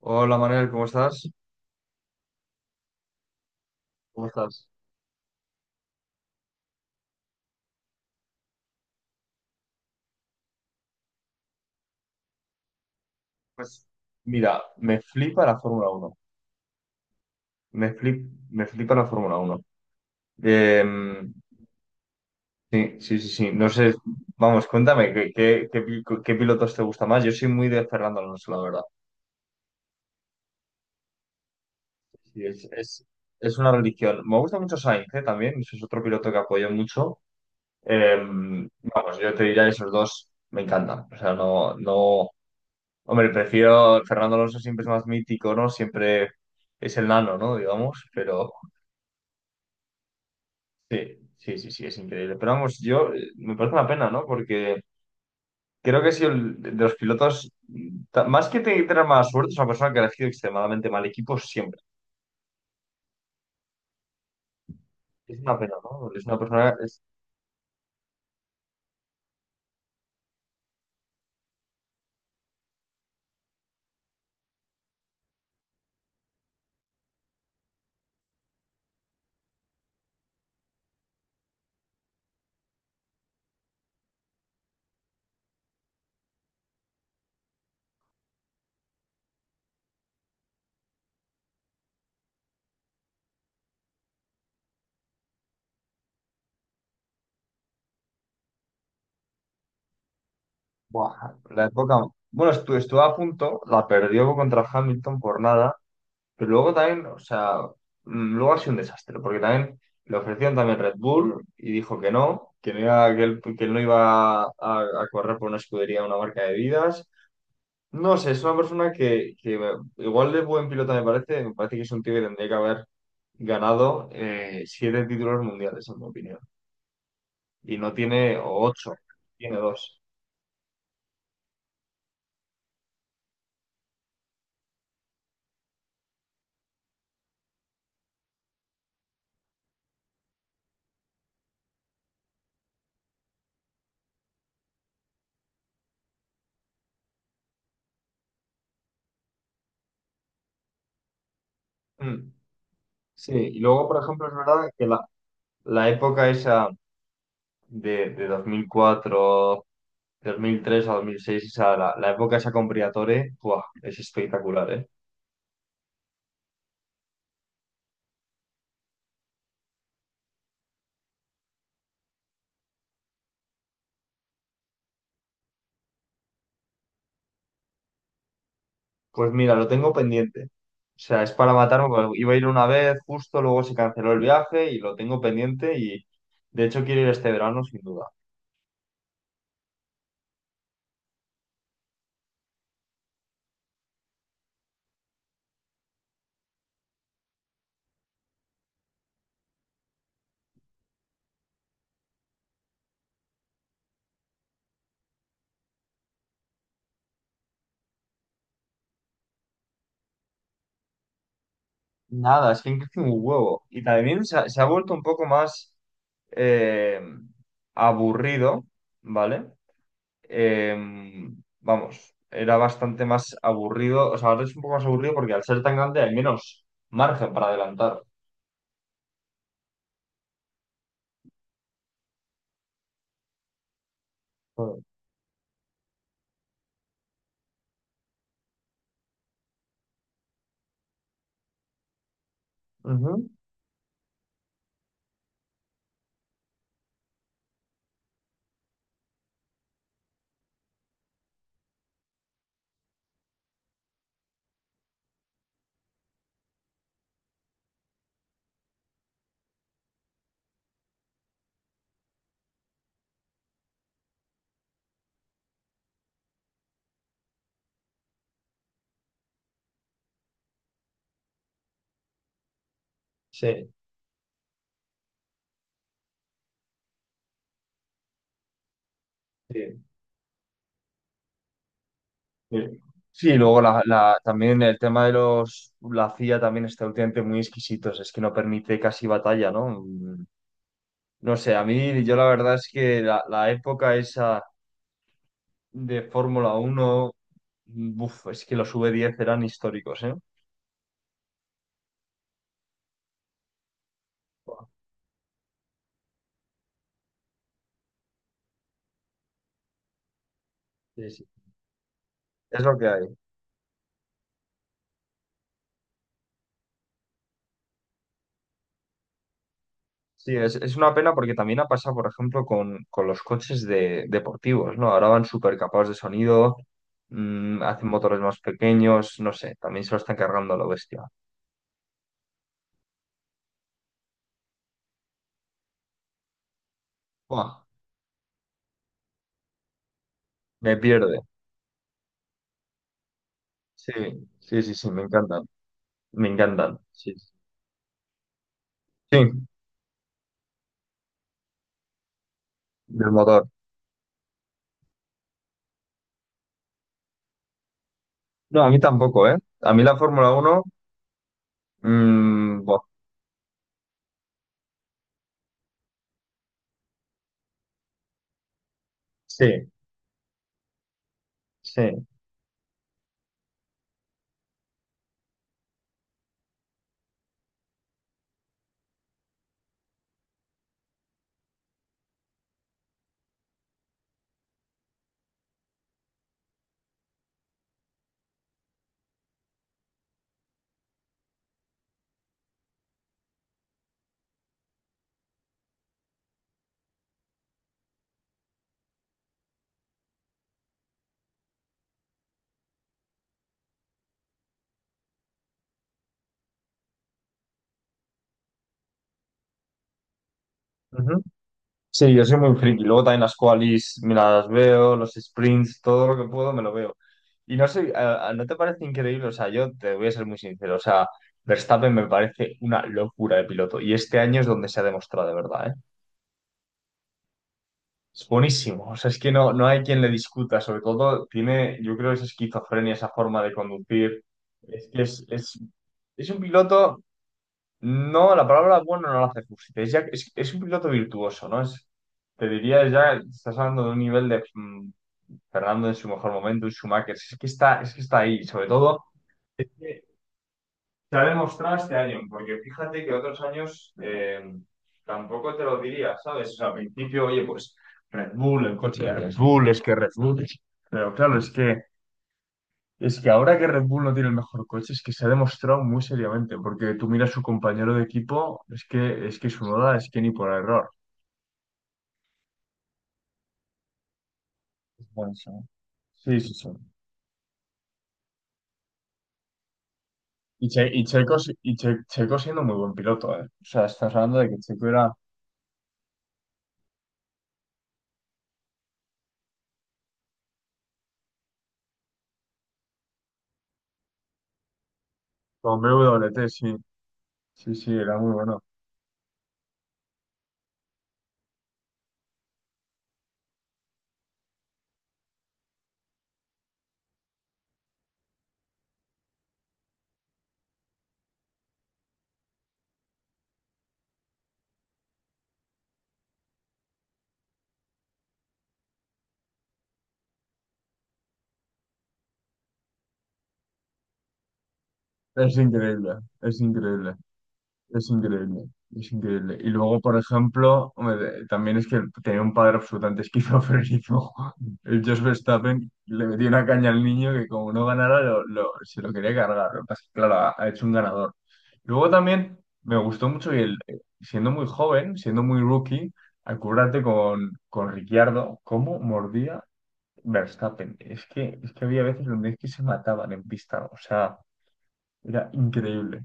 Hola Manuel, ¿cómo estás? ¿Cómo estás? Pues mira, me flipa la Fórmula Uno. Me flipa la Fórmula Uno. Em, sí, sí, sí, sí. No sé, vamos, cuéntame, ¿ qué pilotos te gusta más? Yo soy muy de Fernando Alonso, la verdad. Sí, es es una religión. Me gusta mucho Sainz, también. Ese es otro piloto que apoyo mucho. Em, Vamos, yo te diría esos dos me encantan. O sea, no, no. Hombre, prefiero Fernando Alonso, siempre es más mítico, ¿no? Siempre es el nano, ¿no? Digamos, pero sí, sí, sí, sí, es increíble. Pero vamos, yo me parece una pena, ¿no? Porque creo que si el, de los pilotos, tener mala suerte, es una persona que ha elegido extremadamente mal equipo siempre. Es una pena, ¿no? Es una persona, es, ¡buah!, la época, bueno, estuvo a punto, la perdió contra Hamilton por nada. Pero luego también, o sea, luego ha sido un desastre, porque también le ofrecieron también Red Bull y dijo que no iba, que él no iba a correr por una escudería, una marca de vidas. No sé, es una persona que igual de buen piloto me parece que es un tío que tendría que haber ganado 7 títulos mundiales, en mi opinión. Y no tiene o 8, tiene 2. Mm. Sí, y luego, por ejemplo, es verdad que la época esa de 2004, 2003 a 2006, o sea, la época esa con Briatore, ¡buah!, es espectacular, ¿eh? Pues mira, lo tengo pendiente. O sea, es para matarme, porque iba a ir una vez justo, luego se canceló el viaje y lo tengo pendiente, y de hecho quiero ir este verano sin duda. Nada, es que han crecido un huevo. Y también se ha vuelto un poco más eh, aburrido, ¿vale? Vamos, era bastante más aburrido, o sea, ahora es un poco más aburrido porque al ser tan grande hay menos margen para adelantar. Ujú. Sí, sí. Sí. Sí, y luego la, también el tema de los, la CIA también está últimamente muy exquisitos, es que no permite casi batalla, ¿no? Mm. No sé, a mí, yo la verdad es que la época esa de Fórmula uno, buf, es que los V10 eran históricos, ¿eh? ¡Buah! Sí, sí. Es lo que hay. Sí, es una pena porque también ha pasado, por ejemplo, con los coches de, deportivos, ¿no? Ahora van súper capados de sonido, hacen motores más pequeños, no sé, también se lo están cargando a lo bestia. ¡Buah!, me pierde. Sí, sí, sí, sí, me encantan, me encantan. Sí, sí. Sí, del motor. No, a mí tampoco, ¿eh? A mí la Fórmula uno, buah, sí, sí. Sí, yo soy muy friki. Luego también las qualis me las veo, los sprints, todo lo que puedo me lo veo. Y no sé, ¿no te parece increíble? O sea, yo te voy a ser muy sincero. O sea, Verstappen me parece una locura de piloto. Y este año es donde se ha demostrado de verdad, ¿eh? Es buenísimo. O sea, es que no, no hay quien le discuta. Sobre todo, tiene, yo creo, esa esquizofrenia, esa forma de conducir. Es que es un piloto. No, la palabra bueno no la hace justicia. Es un piloto virtuoso, ¿no? Es, te diría ya, estás hablando de un nivel de Fernando en su mejor momento, un Schumacher. Es que está ahí, sobre todo. Es que se ha demostrado este año, porque fíjate que otros años tampoco te lo diría, ¿sabes? O sea, al principio, oye, pues Red Bull, el coche de Red Bull, es que Red Bull. Pero claro, es que ahora que Red Bull no tiene el mejor coche, es que se ha demostrado muy seriamente, porque tú miras su compañero de equipo, es que Tsunoda es que ni por error. Bueno, sí. Sí, sí, sí. Y, Che- y Checo, si- y Che- Checo siendo muy buen piloto, ¿eh? O sea, estás hablando de que Checo era con B W T, sí, sí, sí, era muy bueno. Es increíble, es increíble. Es increíble, es increíble. Y luego, por ejemplo, hombre, también es que tenía un padre absolutamente esquizofrénico. El Jos Verstappen le metió una caña al niño que como no ganara, se lo quería cargar. Lo que pasa es que, claro, ha, ha hecho un ganador. Luego también me gustó mucho y el, siendo muy joven, siendo muy rookie, acuérdate con Ricciardo, cómo mordía Verstappen. Es que había veces donde es que se mataban en pista. O sea, era increíble.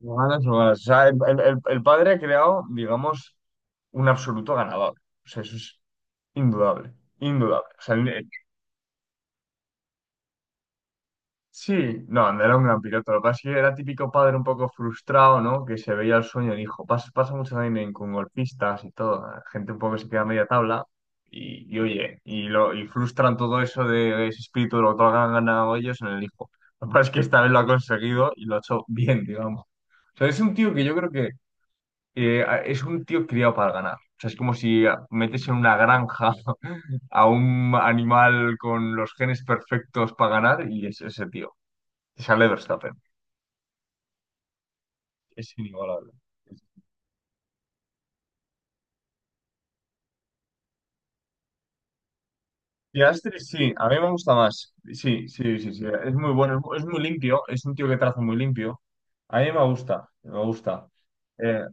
Manos robadas. O sea, el, el padre ha creado, digamos, un absoluto ganador. O sea, eso es indudable, indudable. O sea, el- sí, no, no era un gran piloto. Lo que pasa es que era típico padre un poco frustrado, ¿no? Que se veía el sueño del hijo. Pasa, pasa mucho también en- con golfistas y todo. Gente un poco que se queda a media tabla. Y oye, y, lo, y frustran todo eso de, ese espíritu de lo que han ganado ellos en el hijo. Lo que pasa es que esta vez lo ha conseguido y lo ha hecho bien, digamos. O sea, es un tío que yo creo que es un tío criado para ganar. O sea, es como si metes en una granja a un animal con los genes perfectos para ganar y es ese tío. Sale Verstappen. Es inigualable. Piastri, sí, a mí me gusta más. Sí, sí, sí, sí. Es muy bueno, es muy limpio. Es un tío que traza muy limpio. A mí me gusta, me gusta. Eh,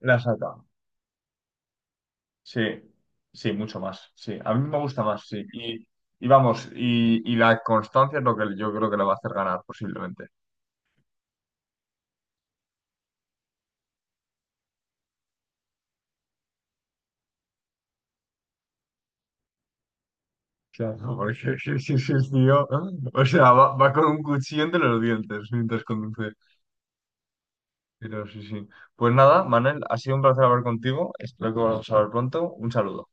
la saca. Sí, sí, mucho más. Sí, a mí me gusta más, sí. Y vamos, y la constancia es lo que yo creo que le va a hacer ganar posiblemente. Claro, porque sí, sí, sí, es tío. ¿No? O sea, va, va con un cuchillo entre los dientes mientras conduce. Pero sí, sí. Pues nada, Manel, ha sido un placer hablar contigo. Espero que volvamos a hablar pronto. Un saludo.